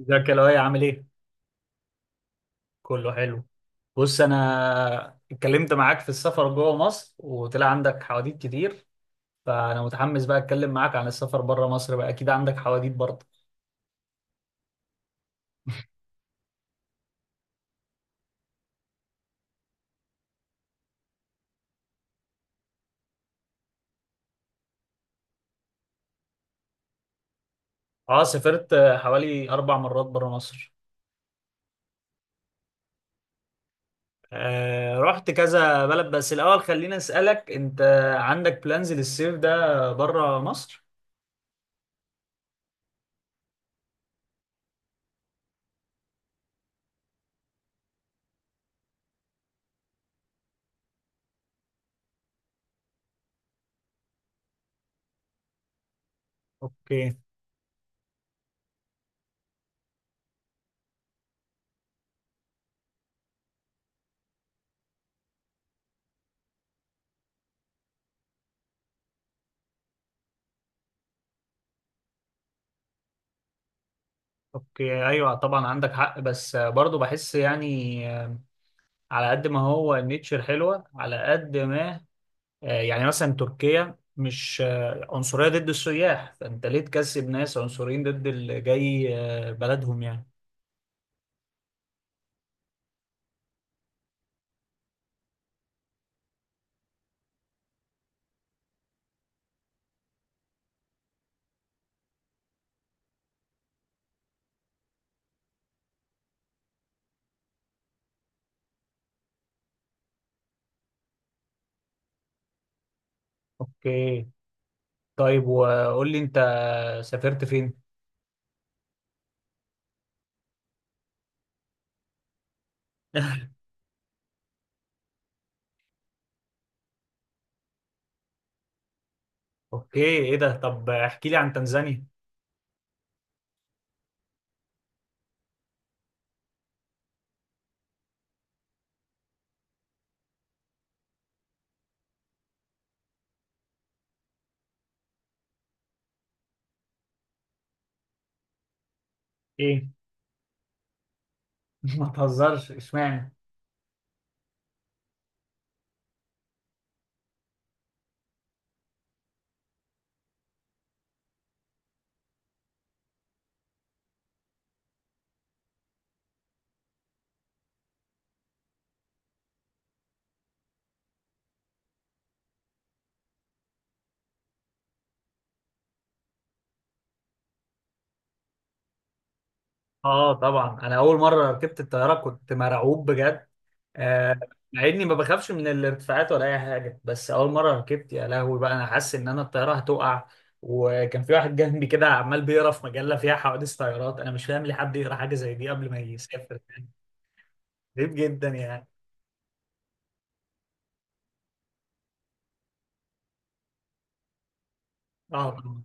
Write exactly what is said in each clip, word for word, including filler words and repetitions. ازيك يا لؤي؟ عامل ايه؟ كله حلو. بص، انا اتكلمت معاك في السفر جوه مصر وطلع عندك حواديت كتير، فانا متحمس بقى اتكلم معاك عن السفر بره مصر بقى. اكيد عندك حواديت برضه. اه سافرت حوالي اربع مرات بره مصر. آه، رحت كذا بلد، بس الاول خلينا اسالك انت، عندك بلانز للصيف ده بره مصر؟ اوكي. اوكي، ايوه طبعا عندك حق، بس برضه بحس يعني آه، على قد ما هو النيتشر حلوة، على قد ما آه، يعني مثلا تركيا مش آه، عنصرية ضد السياح، فأنت ليه تكسب ناس عنصريين ضد اللي جاي آه، بلدهم يعني. أوكي. طيب وقول لي أنت، سافرت فين؟ أوكي، إيه ده؟ طب احكي لي عن تنزانيا. إيه؟ ما تهزرش، إشمعنى؟ آه طبعا، أنا أول مرة ركبت الطيارة كنت مرعوب بجد. آه، مع اني ما بخافش من الارتفاعات ولا اي حاجه، بس اول مره ركبت يا لهوي بقى، انا حاسس ان انا الطياره هتقع. وكان في واحد جنبي كده عمال بيقرا في مجله فيها حوادث طيارات، انا مش فاهم ليه حد يقرا حاجه زي دي قبل ما يسافر يعني. غريب جدا يعني. اه طبعا.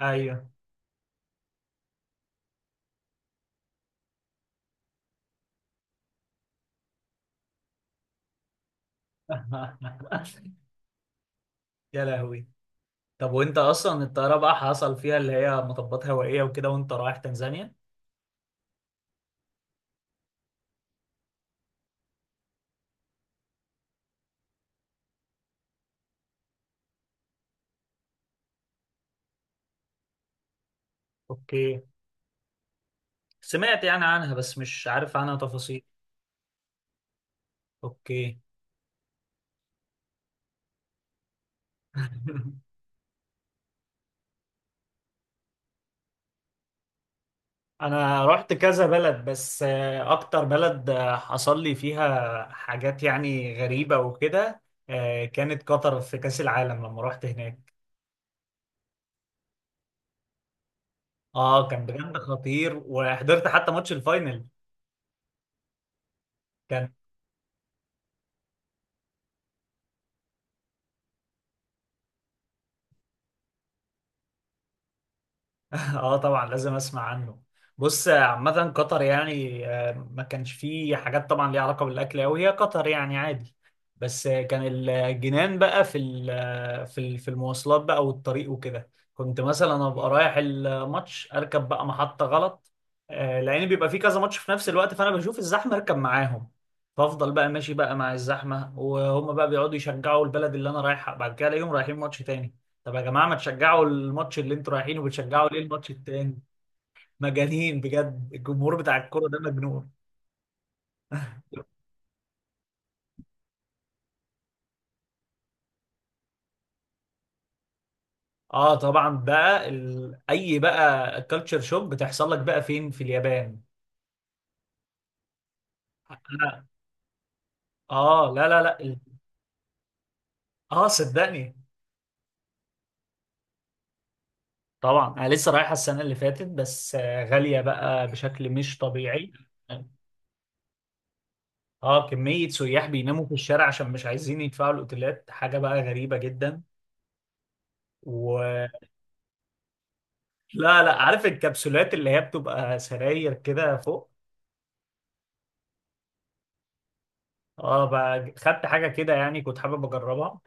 ايوه. يا لهوي. طب وانت اصلا الطياره بقى حصل فيها اللي هي مطبات هوائيه وكده وانت رايح تنزانيا؟ اوكي. سمعت يعني عنها، بس مش عارف عنها تفاصيل. اوكي. انا رحت كذا بلد، بس آه، اكتر بلد آه، حصل لي فيها حاجات يعني غريبة وكده آه، كانت قطر في كأس العالم لما رحت هناك. اه كان بجد خطير، وحضرت حتى ماتش الفاينل. كان. اه طبعا، لازم اسمع عنه. بص، آه، عامة قطر يعني آه، ما كانش فيه حاجات طبعا ليها علاقة بالأكل أوي، هي قطر يعني عادي. بس آه، كان الجنان بقى في ال- آه، في ال- في المواصلات بقى والطريق وكده. كنت مثلا أبقى رايح الماتش، أركب بقى محطة غلط، آه، لأن بيبقى فيه كذا ماتش في نفس الوقت، فأنا بشوف الزحمة أركب معاهم. فأفضل بقى ماشي بقى مع الزحمة وهم بقى بيقعدوا يشجعوا البلد اللي أنا رايحها، بعد كده ألاقيهم رايحين ماتش تاني. طب يا جماعه، ما تشجعوا الماتش اللي انتوا رايحينه، بتشجعوا ليه الماتش التاني؟ مجانين بجد، الجمهور بتاع الكوره ده مجنون. اه طبعا بقى ال... اي بقى كالتشر شوك بتحصل لك بقى فين؟ في اليابان. أنا... اه لا لا لا ال- اه صدقني. طبعا انا لسه رايحه السنه اللي فاتت، بس آه، غاليه بقى بشكل مش طبيعي. اه، كميه سياح بيناموا في الشارع عشان مش عايزين يدفعوا الاوتيلات، حاجه بقى غريبه جدا. و... لا لا، عارف الكبسولات اللي هي بتبقى سراير كده فوق؟ اه بقى خدت حاجه كده، يعني كنت حابب اجربها.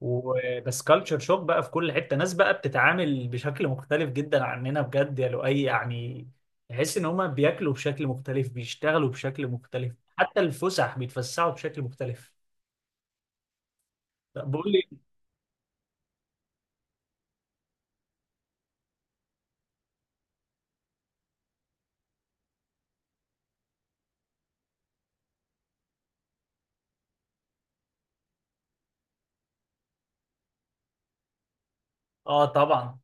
وبس كالتشر شوك بقى في كل حته، ناس بقى بتتعامل بشكل مختلف جدا عننا بجد يا لؤي يعني. تحس ان هما بياكلوا بشكل مختلف، بيشتغلوا بشكل مختلف، حتى الفسح بيتفسحوا بشكل مختلف. لا، بقول لي. اه طبعا.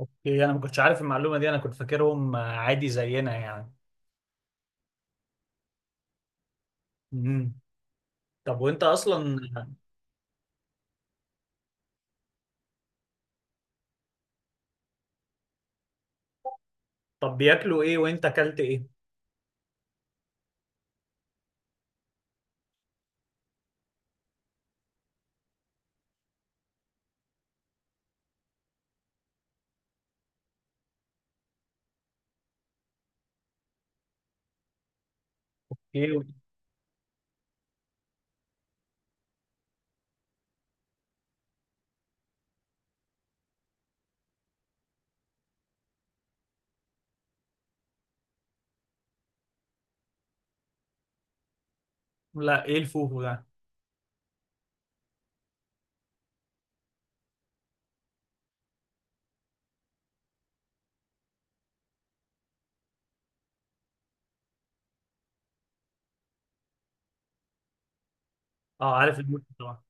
اوكي، انا ما كنتش عارف المعلومه دي، انا كنت فاكرهم عادي زينا يعني. امم. طب وانت اصلا. طب بياكلوا ايه وانت اكلت ايه؟ ايه؟ لا، ايه الفوفو ده؟ اه، عارف الموت طبعا.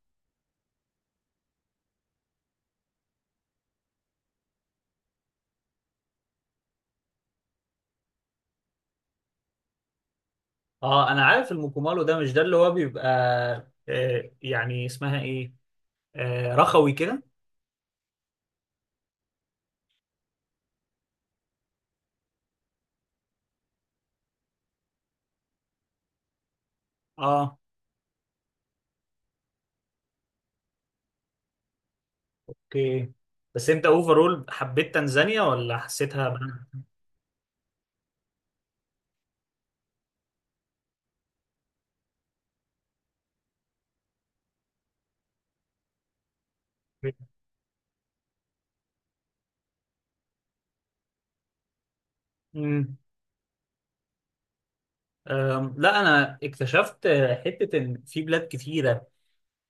اه انا عارف الموكومالو ده، مش ده اللي هو بيبقى آه يعني اسمها ايه، آه رخوي كده. اه. اوكي. بس انت اوفرول حبيت تنزانيا ولا حسيتها؟ امم. أم، لا انا اكتشفت آه، حتة، ان في بلاد كتيرة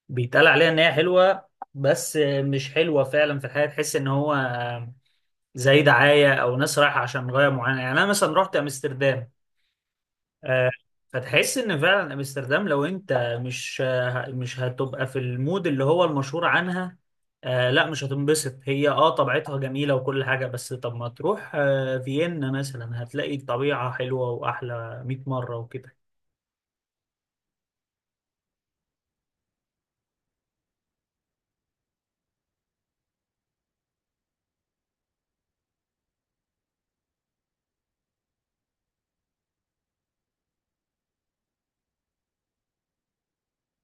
بيتقال عليها ان هي حلوة، بس آه، مش حلوة فعلا. في الحياة تحس ان هو آه، زي دعاية او ناس رايحة عشان غاية معينة يعني. انا مثلا رحت امستردام، آه، فتحس ان فعلا امستردام لو انت مش آه، مش هتبقى في المود اللي هو المشهور عنها آه، لا مش هتنبسط. هي اه طبيعتها جميلة وكل حاجة، بس طب ما تروح آه فيينا مثلا، هتلاقي الطبيعة حلوة واحلى مائة مرة وكده.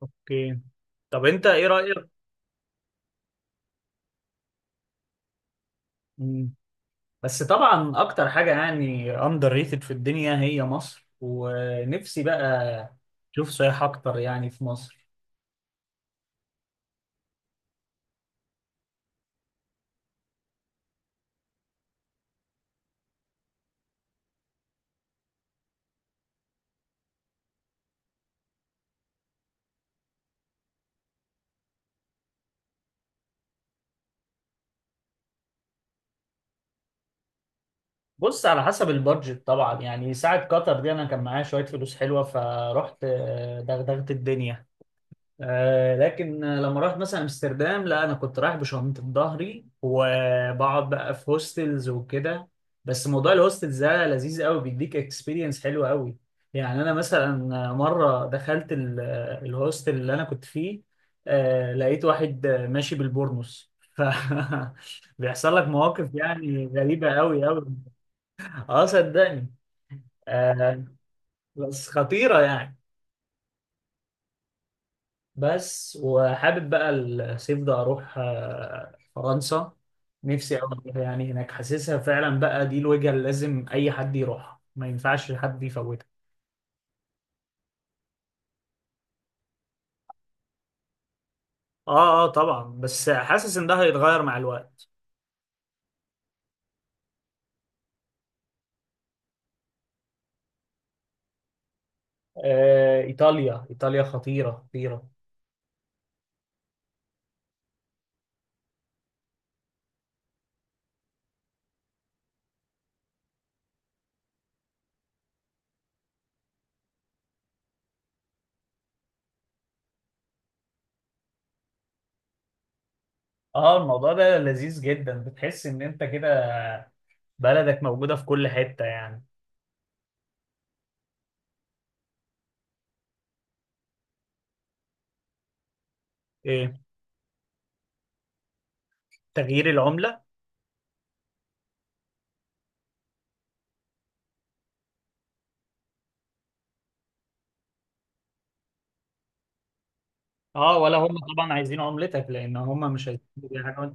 اوكي. طب انت ايه رأيك؟ مم. بس طبعا اكتر حاجة يعني اندر ريتد في الدنيا هي مصر، ونفسي بقى اشوف سياحة اكتر يعني في مصر. بص، على حسب البادجت طبعا يعني. ساعة قطر دي انا كان معايا شوية فلوس حلوة، فرحت آه، دغدغت الدنيا. آه، لكن آه، لما رحت مثلا امستردام لا، انا كنت رايح بشنطة ظهري، وبقعد بقى في هوستلز وكده. بس موضوع الهوستلز ده لذيذ قوي، بيديك اكسبيرينس حلوة قوي. يعني انا مثلا مرة دخلت ال- الهوستل اللي انا كنت فيه، آه، لقيت واحد آه، ماشي بالبورنوس، ف بيحصل لك مواقف يعني غريبة قوي قوي. اه صدقني. آه. بس خطيرة يعني. بس وحابب بقى الصيف ده اروح آه فرنسا، نفسي أوي أروح يعني هناك. حاسسها فعلا بقى دي الوجهة اللي لازم اي حد يروحها، ما ينفعش حد يفوتها. اه اه طبعا، بس حاسس ان ده هيتغير مع الوقت. آه ايطاليا. ايطاليا خطيرة خطيرة. اه، الموضوع ده لذيذ جدا، بتحس ان انت كده بلدك موجودة في كل حتة يعني. ايه؟ تغيير العملة. اه، ولا هم طبعا عايزين عملتك لان هم مش عايزين دي حاجه وانت.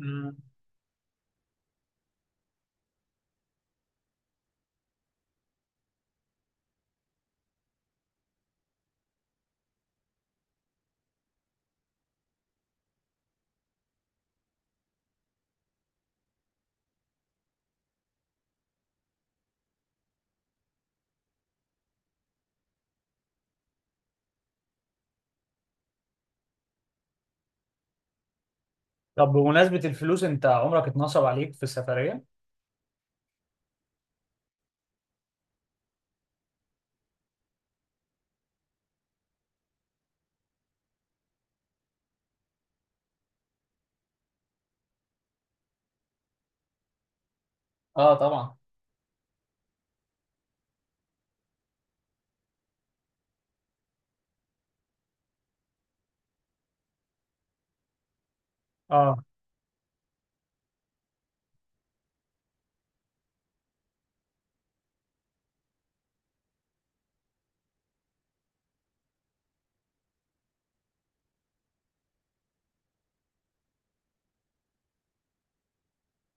طب بمناسبه الفلوس، انت عمرك اتنصب عليك في السفريه؟ اه طبعا. اه.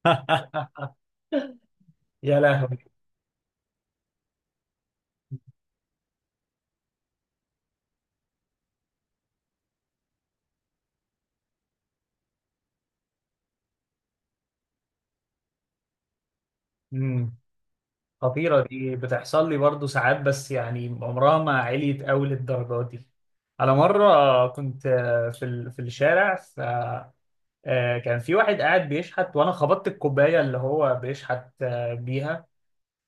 يا لهوي. امم. خطيره، دي بتحصل لي برضو ساعات، بس يعني عمرها ما عليت قوي للدرجه دي. على مره كنت آه، في ال- في الشارع، ف آه، كان في واحد قاعد بيشحت، وانا خبطت الكوبايه اللي هو بيشحت آه، بيها،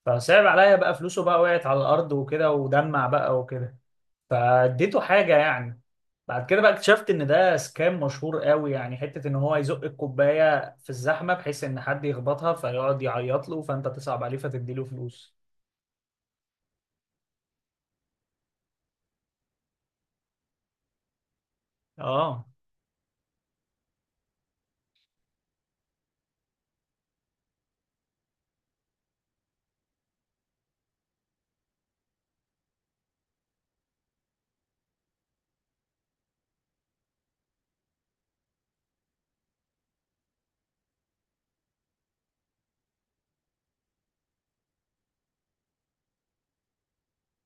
فصعب عليا بقى. فلوسه بقى وقعت على الارض وكده ودمع بقى وكده، فاديته حاجة يعني. بعد كده بقى اكتشفت ان ده سكام مشهور قوي يعني، حتة ان هو يزق الكوباية في الزحمة بحيث ان حد يخبطها، فيقعد يعيط له، فانت تصعب عليه فتديله فلوس. اه.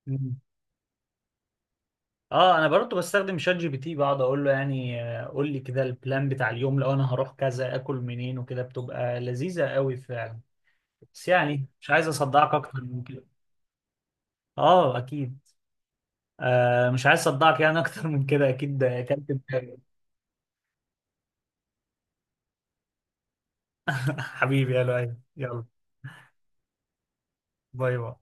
مم. اه انا برضه بستخدم شات جي بي تي، بقعد اقول له يعني آه، قول لي كده البلان بتاع اليوم، لو انا هروح كذا اكل منين وكده، بتبقى لذيذة قوي فعلا. بس يعني مش عايز اصدعك اكتر من كده. اه اكيد. آه مش عايز اصدعك يعني اكتر من كده، اكيد اكلت دماغي. حبيبي يا لؤي، يلا. باي باي.